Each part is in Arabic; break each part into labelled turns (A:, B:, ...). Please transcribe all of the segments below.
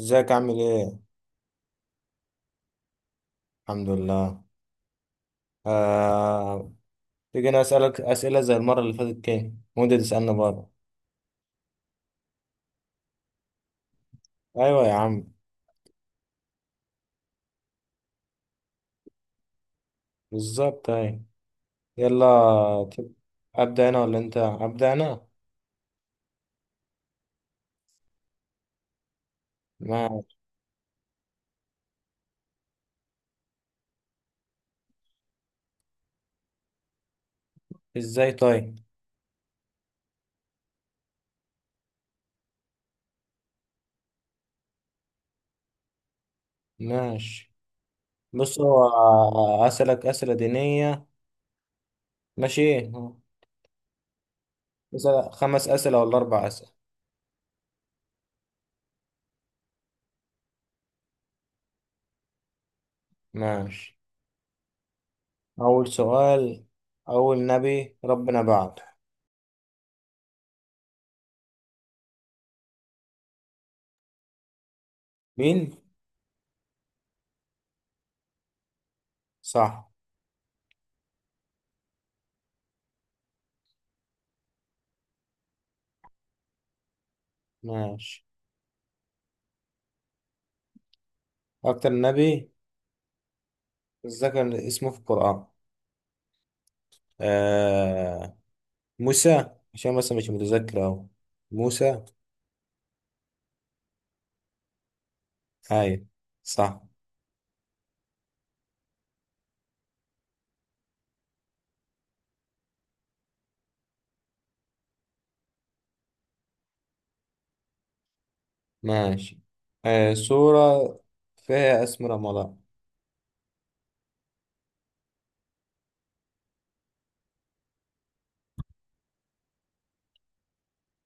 A: ازيك عامل ايه؟ الحمد لله. آه... تيجي انا اسألك اسئلة زي المرة اللي فاتت كده وانت تسألني برضه. ايوه يا عم. بالظبط ايوه. يلا. ت- ابدأ انا ولا انت؟ ابدأ انا؟ ماشي. ازاي طيب؟ ماشي. بص هو اسألك اسئلة دينية. ماشي. مثلا 5 اسئلة ولا 4 اسئلة؟ ماشي. اول سؤال، اول نبي ربنا بعته. مين؟ صح. ماشي. اكتر نبي الذكر اسمه في القرآن. آه. موسى، عشان بس مش متذكر أهو. موسى. هاي. صح. ماشي. آه، سورة فيها اسم رمضان.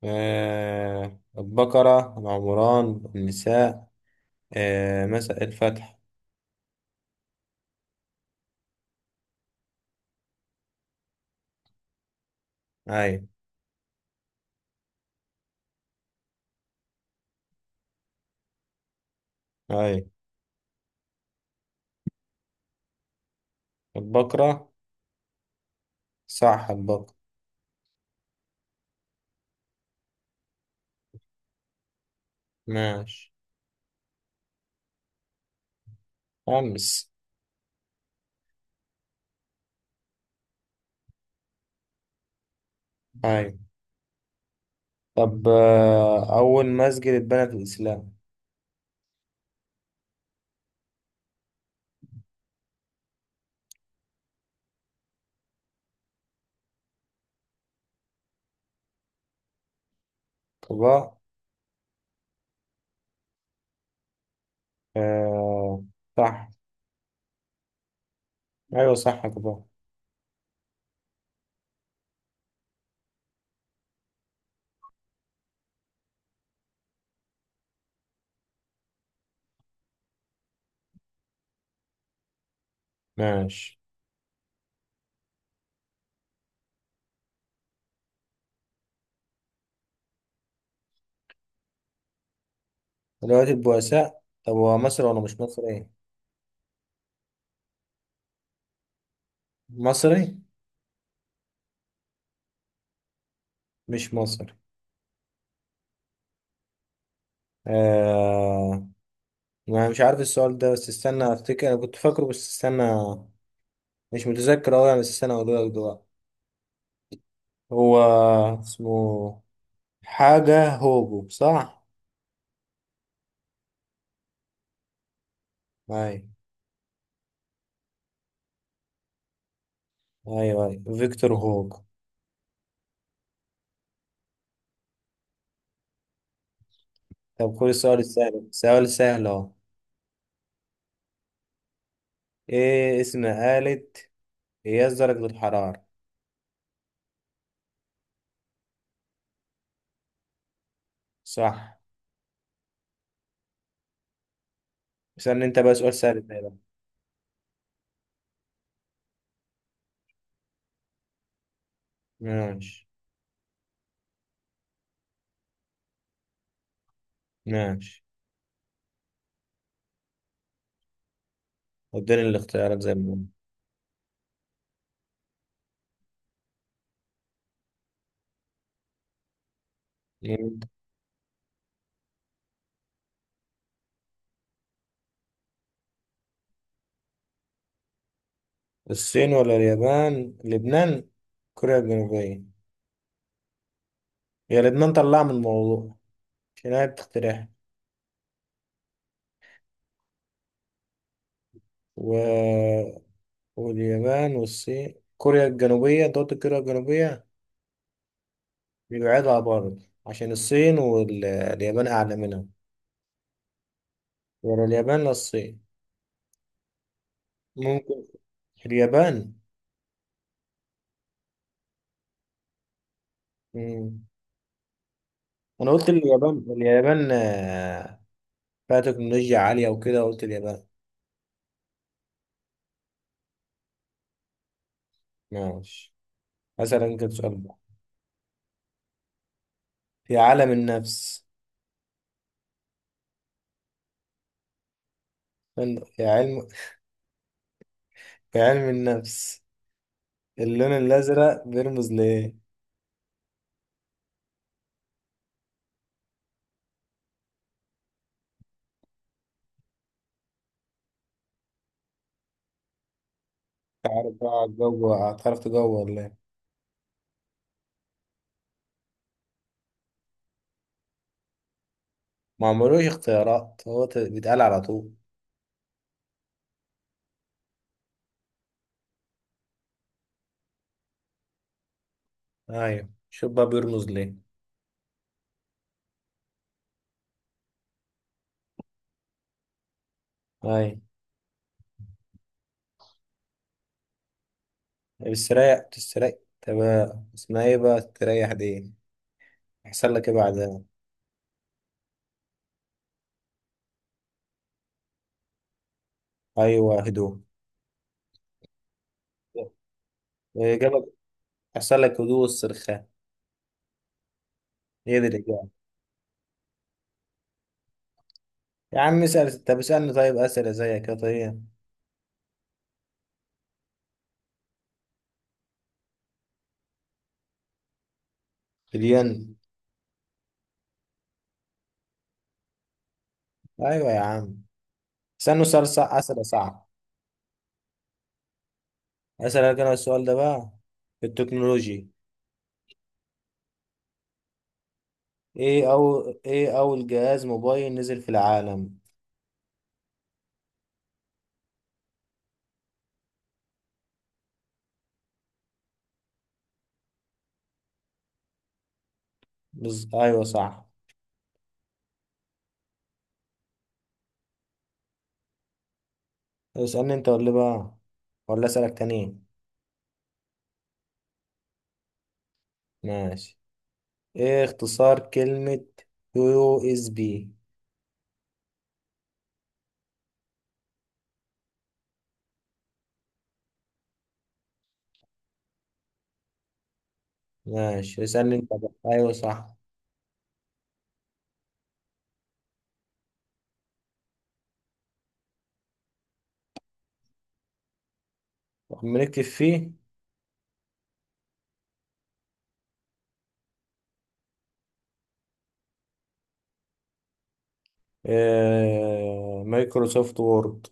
A: آه، البقرة، العمران، النساء، آه، مساء الفتح. هاي. هاي. البقرة. صح البقرة. ماشي. 5. هاي. طب آه، أول مسجد اتبنى في الإسلام. قباء. آه. صح. ايوه صح كده. ماشي. دلوقتي البؤساء، طب هو مصري ولا مش مصري ايه؟ مصري. مش مصري. آه... ما مش عارف السؤال ده، بس استنى افتكر، انا كنت فاكره بس استنى. مش متذكر اوي يعني، بس استنى اقوله لك دلوقتي. هو اسمه حاجة هوجو صح. ايوه. ايوه ايوه فيكتور هوجو. طب خد السؤال السهل، سؤال سهل اهو. ايه اسم آلة قياس درجة الحرارة؟ صح. استنى انت بقى، سؤال سهل ده بقى. ماشي. ماشي. اديني الاختيارات زي ما. هم. الصين ولا اليابان، لبنان، كوريا الجنوبية. هي لبنان طلع من الموضوع عشان هي بتقترح. و... واليابان والصين كوريا الجنوبية، دولة كوريا الجنوبية بيبعدها برضه عشان الصين واليابان أعلى منها. ولا اليابان، لا الصين. ممكن اليابان. مم. أنا قلت اليابان، اليابان آه، فيها تكنولوجيا عالية وكده، قلت اليابان. ماشي. مثلا كده سؤال. في عالم النفس، في علم، في علم النفس اللون الأزرق بيرمز لإيه؟ تعرف بقى تجوع، هتعرف تجوع ولا إيه؟ ما عملوش اختيارات، هو بيتقال على طول. أيوة، شوف بقى بيرمز ليه. أيوة. بتستريح بتستريح. تمام، اسمها إيه بقى تريح دي؟ يحصل لك إيه بعدها؟ أيوة، هدوء. الإجابة. يحصل لك هدوء والسرخان، هي دي الإجابة. يا عم اسأل، طب اسألني طيب أسئلة زيك يا طيب. مليان. أيوة يا عم. استنوا سؤال صعب، أسئلة صعب. أسألك أنا السؤال ده بقى في التكنولوجي. إيه أو إيه أول جهاز موبايل نزل في العالم؟ أيوه صح. اسألني أنت ولا بقى، ولا أسألك تاني؟ ماشي. إيه اختصار كلمة USB؟ ماشي، اسألني أنت بقى. أيوه صح. بنكتب فيه. مايكروسوفت وورد.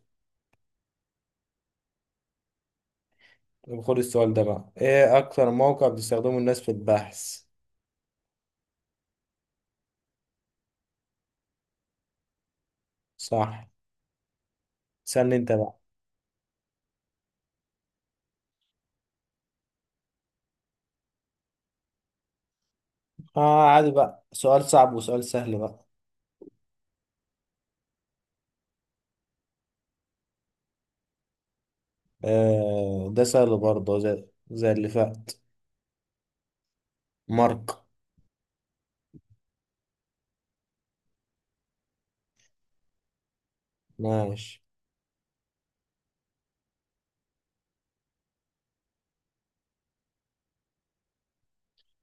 A: طب خد السؤال ده بقى، إيه أكتر موقع بتستخدمه الناس في البحث؟ صح. اسألني أنت بقى. اه عادي بقى، سؤال صعب وسؤال سهل بقى. آه ده سهل برضه، زي اللي فات. مارك. ماشي.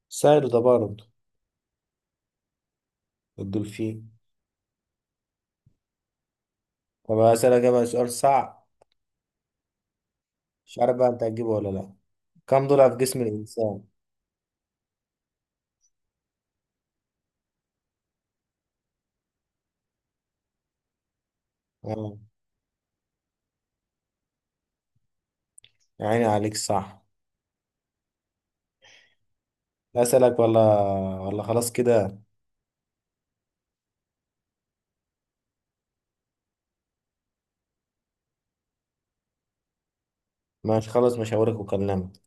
A: سهل ده برضه. الدولفين. طب هسألك بقى سؤال صعب، مش عارف بقى انت هتجيبه ولا لا. كم ضلع في جسم الإنسان؟ اه. يا عيني عليك صح. أسألك ولا خلاص كده؟ ماشي خلاص، مش هوريك وكلمك.